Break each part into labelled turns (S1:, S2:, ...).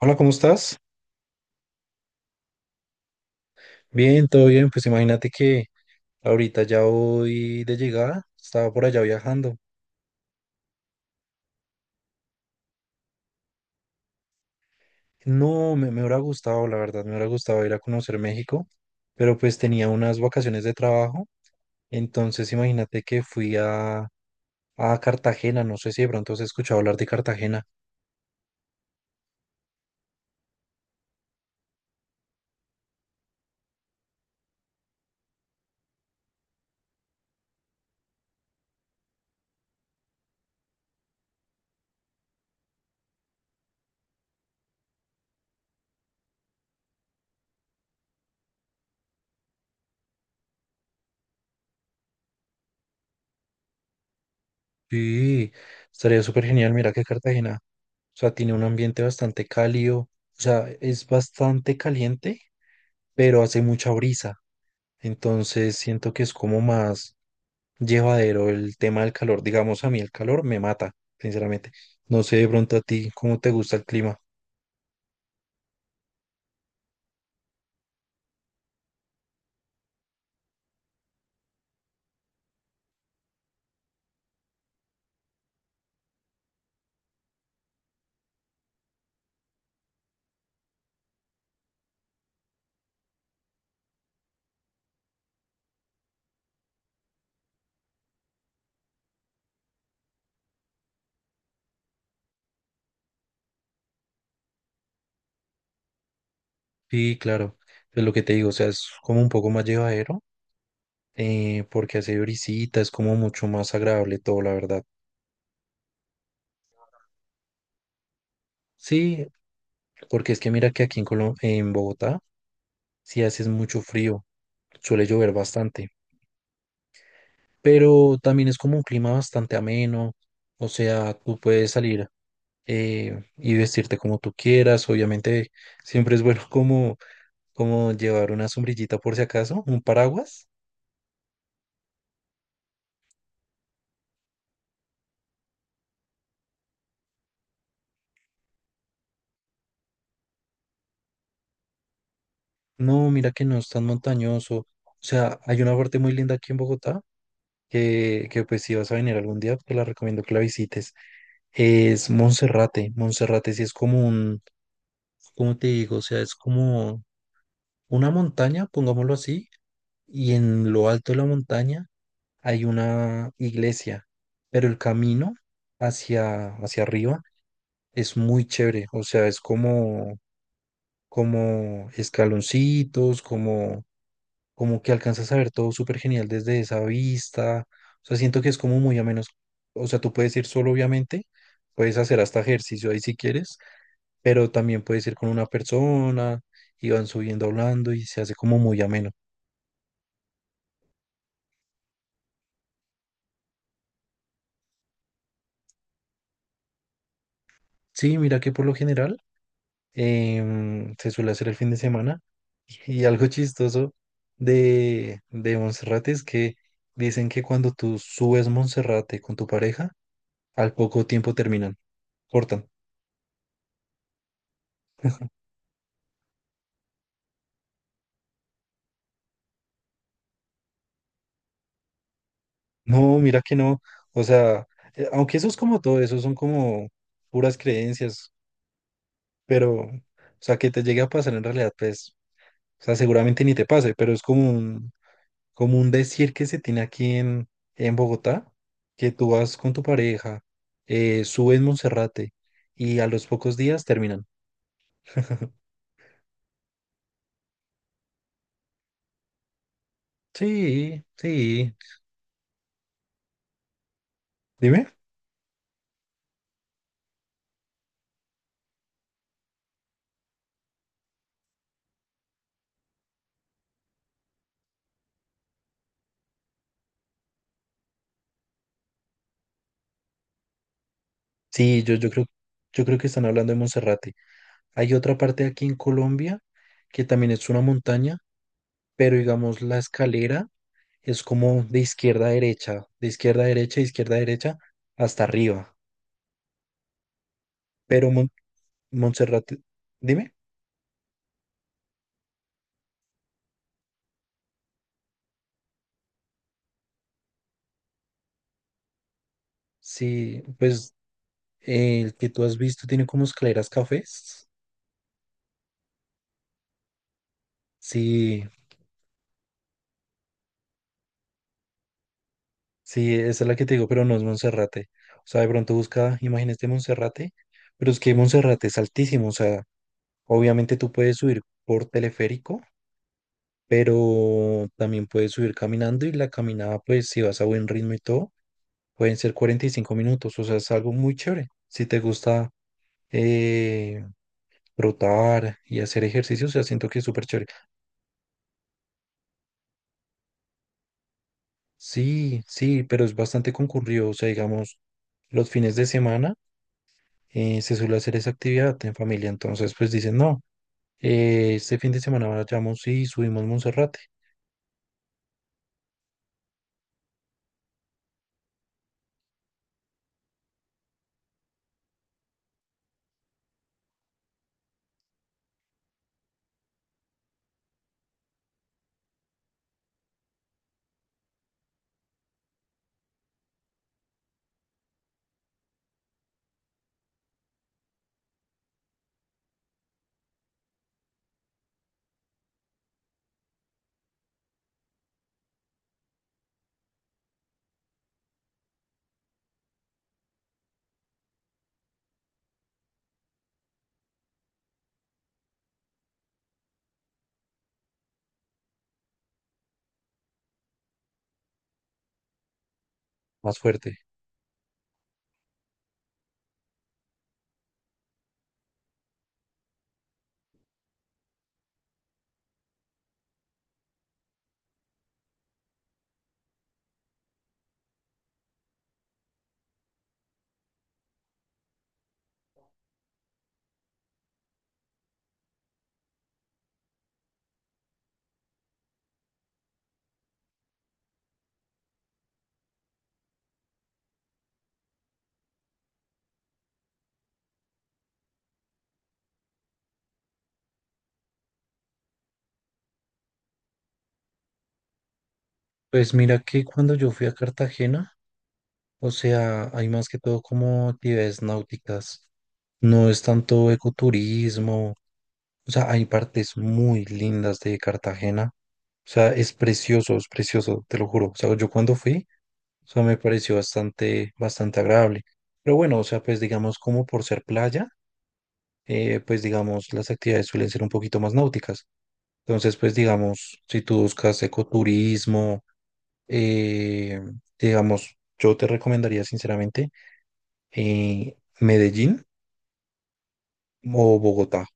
S1: Hola, ¿cómo estás? Bien, todo bien. Pues imagínate que ahorita ya voy de llegada, estaba por allá viajando. No, me hubiera gustado, la verdad, me hubiera gustado ir a conocer México, pero pues tenía unas vacaciones de trabajo. Entonces imagínate que a Cartagena, no sé si de pronto has escuchado hablar de Cartagena. Sí, estaría súper genial, mira que Cartagena. O sea, tiene un ambiente bastante cálido. O sea, es bastante caliente, pero hace mucha brisa. Entonces siento que es como más llevadero el tema del calor. Digamos, a mí el calor me mata, sinceramente. No sé de pronto a ti cómo te gusta el clima. Sí, claro, es lo que te digo, o sea, es como un poco más llevadero, porque hace brisita, es como mucho más agradable todo, la verdad. Sí, porque es que mira que aquí en Colo- en Bogotá, sí haces mucho frío, suele llover bastante, pero también es como un clima bastante ameno, o sea, tú puedes salir y vestirte como tú quieras, obviamente siempre es bueno como llevar una sombrillita por si acaso, un paraguas. No, mira que no es tan montañoso. O sea, hay una parte muy linda aquí en Bogotá que pues si vas a venir algún día, te la recomiendo que la visites. Es Monserrate. Monserrate sí es como un, ¿cómo te digo? O sea, es como una montaña, pongámoslo así, y en lo alto de la montaña hay una iglesia, pero el camino hacia arriba es muy chévere. O sea, es como como escaloncitos, como, como que alcanzas a ver todo súper genial desde esa vista. O sea, siento que es como muy a menos. O sea, tú puedes ir solo, obviamente, puedes hacer hasta ejercicio ahí si quieres, pero también puedes ir con una persona y van subiendo hablando y se hace como muy ameno. Sí, mira que por lo general se suele hacer el fin de semana y algo chistoso de Monserrate es que dicen que cuando tú subes Monserrate con tu pareja, al poco tiempo terminan, cortan. No, mira que no. O sea, aunque eso es como todo, eso son como puras creencias, pero, o sea, que te llegue a pasar en realidad, pues, o sea, seguramente ni te pase, pero es como un decir que se tiene aquí en Bogotá, que tú vas con tu pareja, subes Monserrate y a los pocos días terminan. Sí, sí. Dime. Sí, yo creo que están hablando de Monserrate. Hay otra parte aquí en Colombia que también es una montaña, pero digamos la escalera es como de izquierda a derecha, de izquierda a derecha, de izquierda a derecha, hasta arriba. Pero Mon- Montserrat, dime, si pues el que tú has visto tiene como escaleras cafés. Sí, sí, esa es la que te digo, pero no es Monserrate. O sea, de pronto busca imágenes de Monserrate, pero es que Monserrate es altísimo, o sea, obviamente tú puedes subir por teleférico pero también puedes subir caminando y la caminada, pues si vas a buen ritmo y todo, pueden ser 45 minutos, o sea, es algo muy chévere. Si te gusta eh, trotar y hacer ejercicio, o sea, siento que es súper chévere. Sí, sí, pero es bastante concurrido, o sea, digamos, los fines de semana se suele hacer esa actividad en familia, entonces pues dicen, no, este fin de semana vayamos y subimos Monserrate, más fuerte. Pues mira que cuando yo fui a Cartagena, o sea, hay más que todo como actividades náuticas. No es tanto ecoturismo. O sea, hay partes muy lindas de Cartagena. O sea, es precioso, te lo juro. O sea, yo cuando fui, o sea, me pareció bastante, bastante agradable. Pero bueno, o sea, pues digamos como por ser playa, pues digamos las actividades suelen ser un poquito más náuticas. Entonces, pues digamos, si tú buscas ecoturismo, eh, digamos, yo te recomendaría sinceramente Medellín o Bogotá.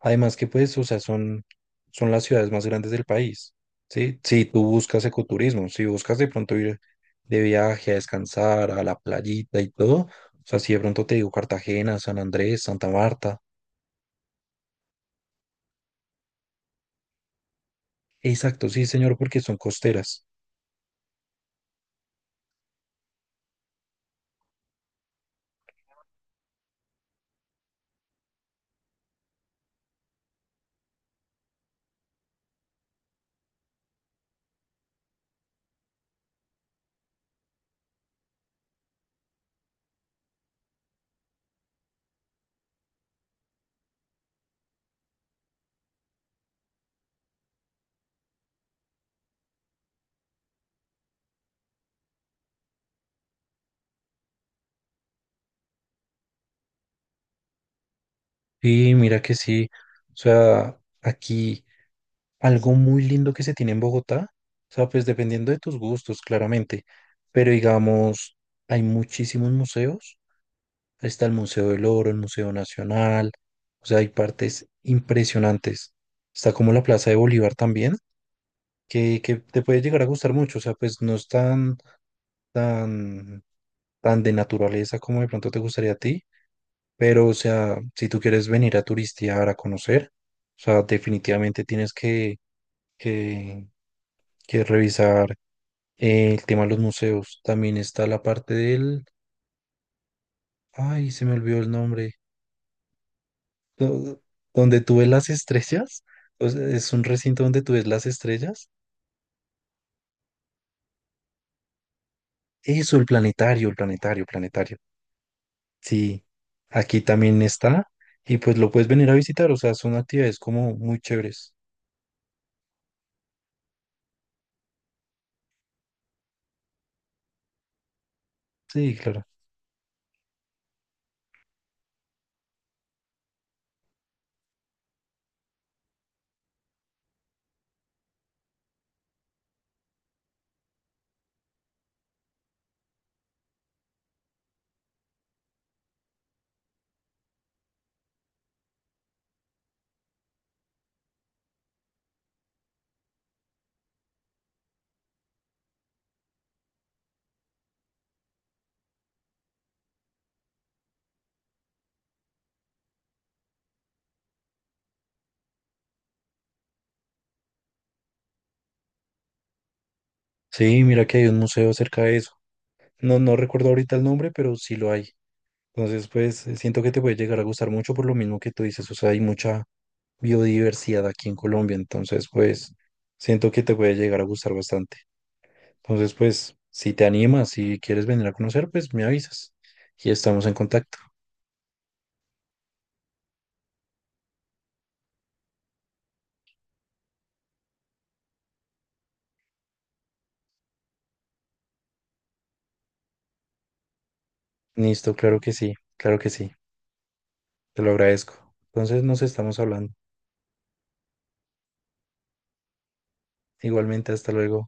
S1: Además que pues, o sea, son las ciudades más grandes del país, ¿sí? Si tú buscas ecoturismo, si buscas de pronto ir de viaje a descansar a la playita y todo, o sea, si de pronto te digo Cartagena, San Andrés, Santa Marta. Exacto, sí, señor, porque son costeras. Y mira que sí, o sea, aquí algo muy lindo que se tiene en Bogotá, o sea, pues dependiendo de tus gustos, claramente, pero digamos, hay muchísimos museos está el Museo del Oro, el Museo Nacional, o sea, hay partes impresionantes. Está como la Plaza de Bolívar también, que te puede llegar a gustar mucho, o sea, pues no es tan, tan, tan de naturaleza como de pronto te gustaría a ti, pero, o sea, si tú quieres venir a turistear, a conocer, o sea, definitivamente tienes que, que revisar el tema de los museos. También está la parte del, ay, se me olvidó el nombre do- donde tú ves las estrellas, o sea, es un recinto donde tú ves las estrellas. Eso, el planetario, planetario. Sí, aquí también está y pues lo puedes venir a visitar, o sea, son actividades como muy chéveres. Sí, claro. Sí, mira que hay un museo cerca de eso. No, no recuerdo ahorita el nombre, pero sí lo hay. Entonces, pues siento que te puede llegar a gustar mucho por lo mismo que tú dices, o sea, hay mucha biodiversidad aquí en Colombia, entonces, pues siento que te puede llegar a gustar bastante. Entonces, pues, si te animas, si quieres venir a conocer, pues me avisas y estamos en contacto. Listo, claro que sí, te lo agradezco. Entonces, nos estamos hablando. Igualmente, hasta luego.